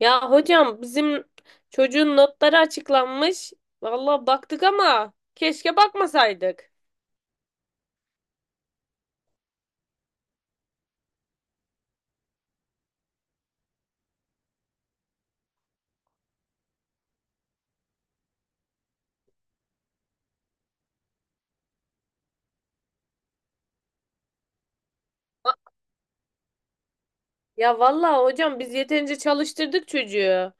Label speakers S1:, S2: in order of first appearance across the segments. S1: Ya hocam bizim çocuğun notları açıklanmış. Vallahi baktık ama keşke bakmasaydık. Ya vallahi hocam biz yeterince çalıştırdık çocuğu.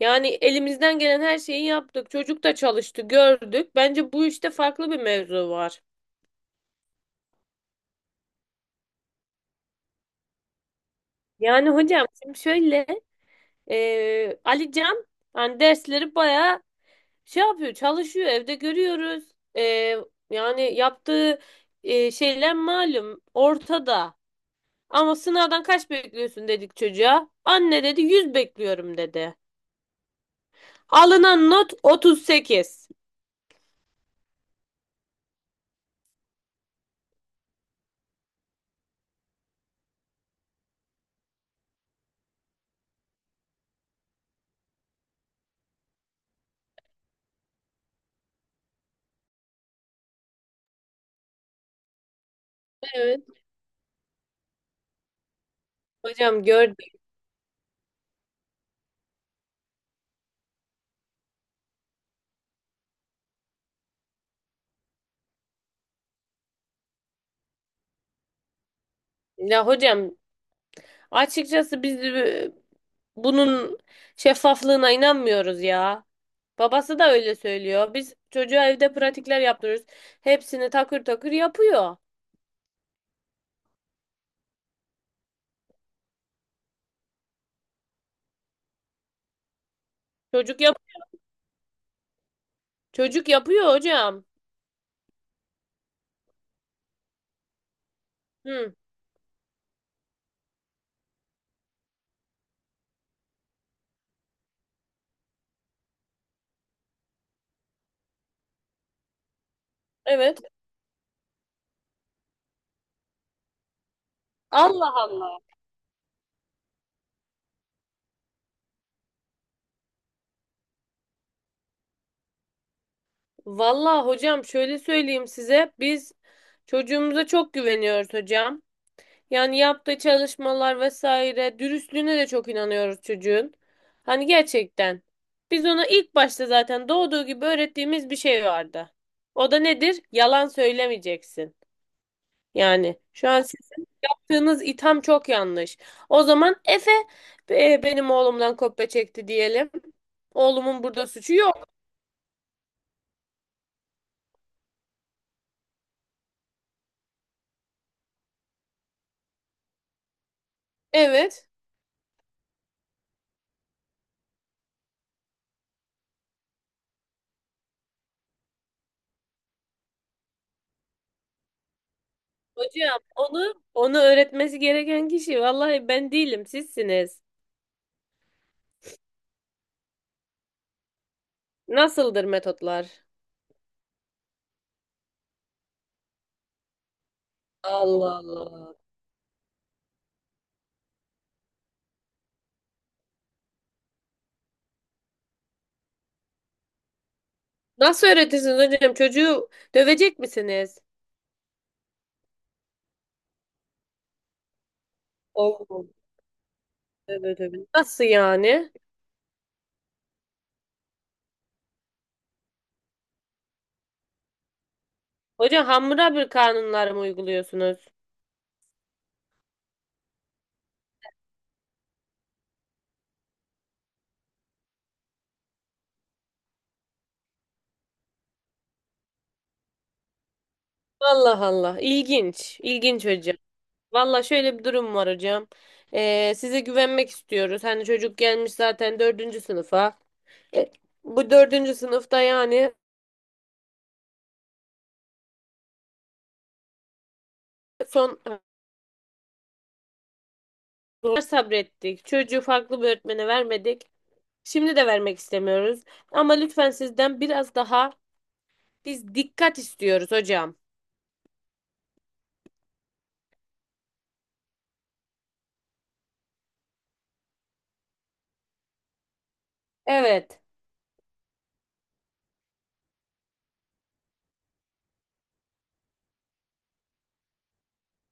S1: Yani elimizden gelen her şeyi yaptık. Çocuk da çalıştı, gördük. Bence bu işte farklı bir mevzu var. Yani hocam şimdi şöyle Ali Can hani dersleri bayağı şey yapıyor, çalışıyor. Evde görüyoruz. E, yani yaptığı şeyler malum ortada. Ama sınavdan kaç bekliyorsun dedik çocuğa. Anne dedi 100 bekliyorum dedi. Alınan not 38. Evet. Hocam gördük. Ya hocam açıkçası biz bunun şeffaflığına inanmıyoruz ya. Babası da öyle söylüyor. Biz çocuğa evde pratikler yaptırıyoruz. Hepsini takır takır yapıyor. Çocuk yap Çocuk yapıyor hocam. Hı, evet. Allah Allah. Vallahi hocam şöyle söyleyeyim size. Biz çocuğumuza çok güveniyoruz hocam. Yani yaptığı çalışmalar vesaire dürüstlüğüne de çok inanıyoruz çocuğun. Hani gerçekten biz ona ilk başta zaten doğduğu gibi öğrettiğimiz bir şey vardı. O da nedir? Yalan söylemeyeceksin. Yani şu an siz yaptığınız itham çok yanlış. O zaman Efe benim oğlumdan kopya çekti diyelim. Oğlumun burada suçu yok. Evet. Hocam onu öğretmesi gereken kişi vallahi ben değilim, sizsiniz. Nasıldır metotlar? Allah Allah. Nasıl öğretirsiniz hocam? Çocuğu dövecek misiniz? Olmaz. Evet, evet. Nasıl yani? Hocam Hammurabi kanunları mı uyguluyorsunuz? Allah Allah. İlginç. İlginç hocam. Valla şöyle bir durum var hocam. Size güvenmek istiyoruz. Hani çocuk gelmiş zaten dördüncü sınıfa. E, bu dördüncü sınıfta yani son zor sabrettik. Çocuğu farklı bir öğretmene vermedik. Şimdi de vermek istemiyoruz. Ama lütfen sizden biraz daha biz dikkat istiyoruz hocam. Evet.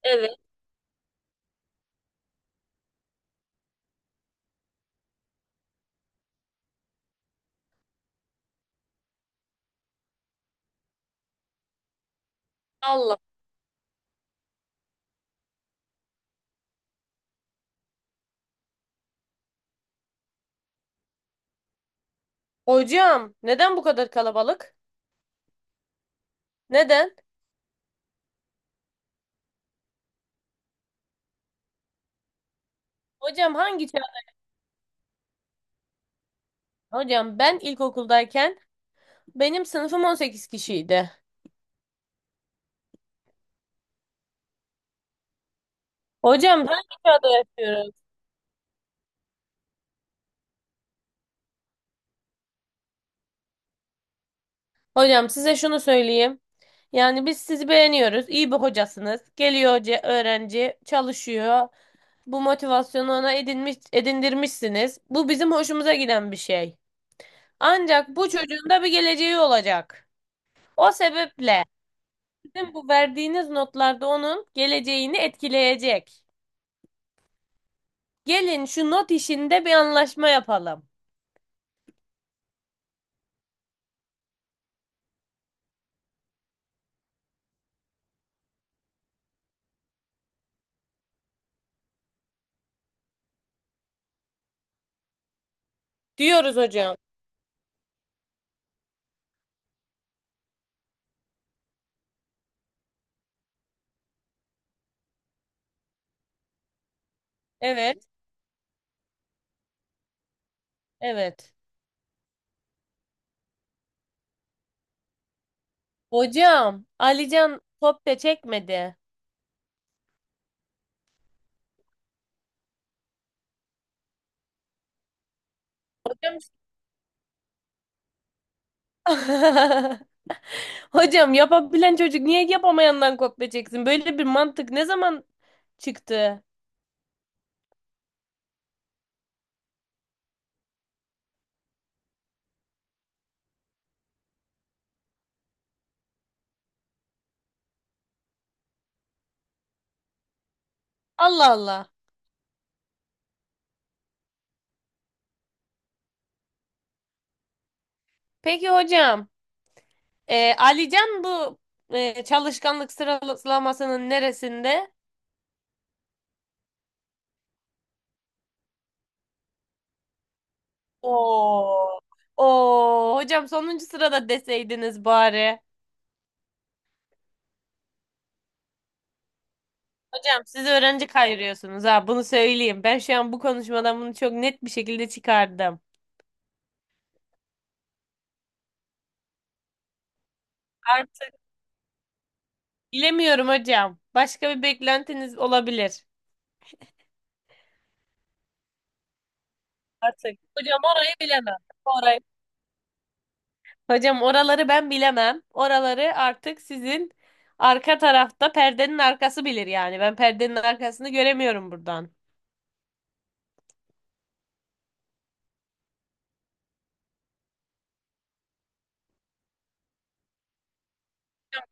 S1: Evet. Allah. Hocam neden bu kadar kalabalık? Neden? Hocam hangi çağ? Hocam ben ilkokuldayken benim sınıfım 18 kişiydi. Hocam hangi çağda yaşıyoruz? Hocam size şunu söyleyeyim. Yani biz sizi beğeniyoruz. İyi bir hocasınız. Geliyor hoca, öğrenci, çalışıyor. Bu motivasyonu ona edinmiş, edindirmişsiniz. Bu bizim hoşumuza giden bir şey. Ancak bu çocuğun da bir geleceği olacak. O sebeple sizin bu verdiğiniz notlarda onun geleceğini etkileyecek. Gelin şu not işinde bir anlaşma yapalım. Diyoruz hocam. Evet, evet. Hocam, Alican top da çekmedi. Hocam hocam yapabilen çocuk niye yapamayandan kopya çeksin? Böyle bir mantık ne zaman çıktı? Allah Allah. Peki hocam. Alican bu çalışkanlık sıralamasının neresinde? Oo. Oo. Hocam sonuncu sırada deseydiniz bari. Hocam siz öğrenci kayırıyorsunuz, ha, bunu söyleyeyim. Ben şu an bu konuşmadan bunu çok net bir şekilde çıkardım. Artık bilemiyorum hocam. Başka bir beklentiniz olabilir. Artık. Hocam orayı bilemem. Orayı Hocam oraları ben bilemem. Oraları artık sizin arka tarafta perdenin arkası bilir yani. Ben perdenin arkasını göremiyorum buradan.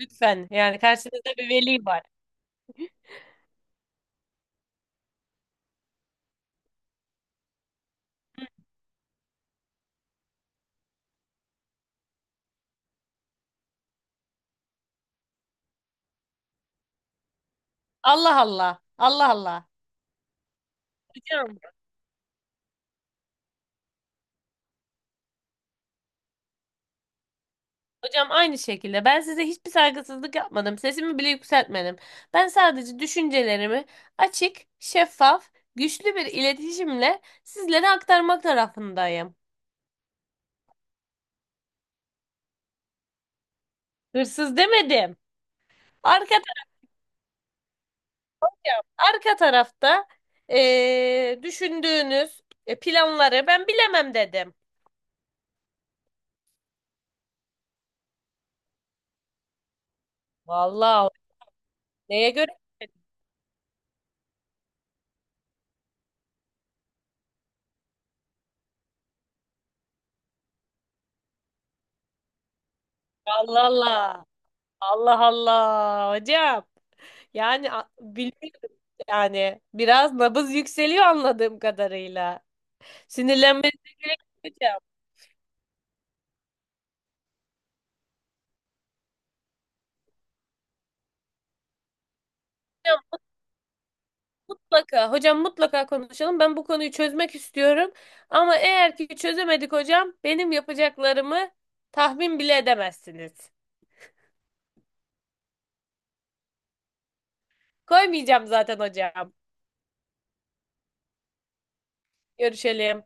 S1: Lütfen yani, karşınızda bir veli var. Allah Allah. Allah Allah. Hocam, hocam, aynı şekilde ben size hiçbir saygısızlık yapmadım. Sesimi bile yükseltmedim. Ben sadece düşüncelerimi açık, şeffaf, güçlü bir iletişimle sizlere aktarmak tarafındayım. Hırsız demedim. Arka Arka tarafta düşündüğünüz planları ben bilemem dedim. Vallahi neye göre? Allah Allah. Allah Allah hocam. Yani bilmiyorum yani. Biraz nabız yükseliyor anladığım kadarıyla. Sinirlenmenize gerek yok hocam. Hocam mutlaka, hocam mutlaka konuşalım. Ben bu konuyu çözmek istiyorum. Ama eğer ki çözemedik hocam, benim yapacaklarımı tahmin bile edemezsiniz. Koymayacağım zaten hocam. Görüşelim.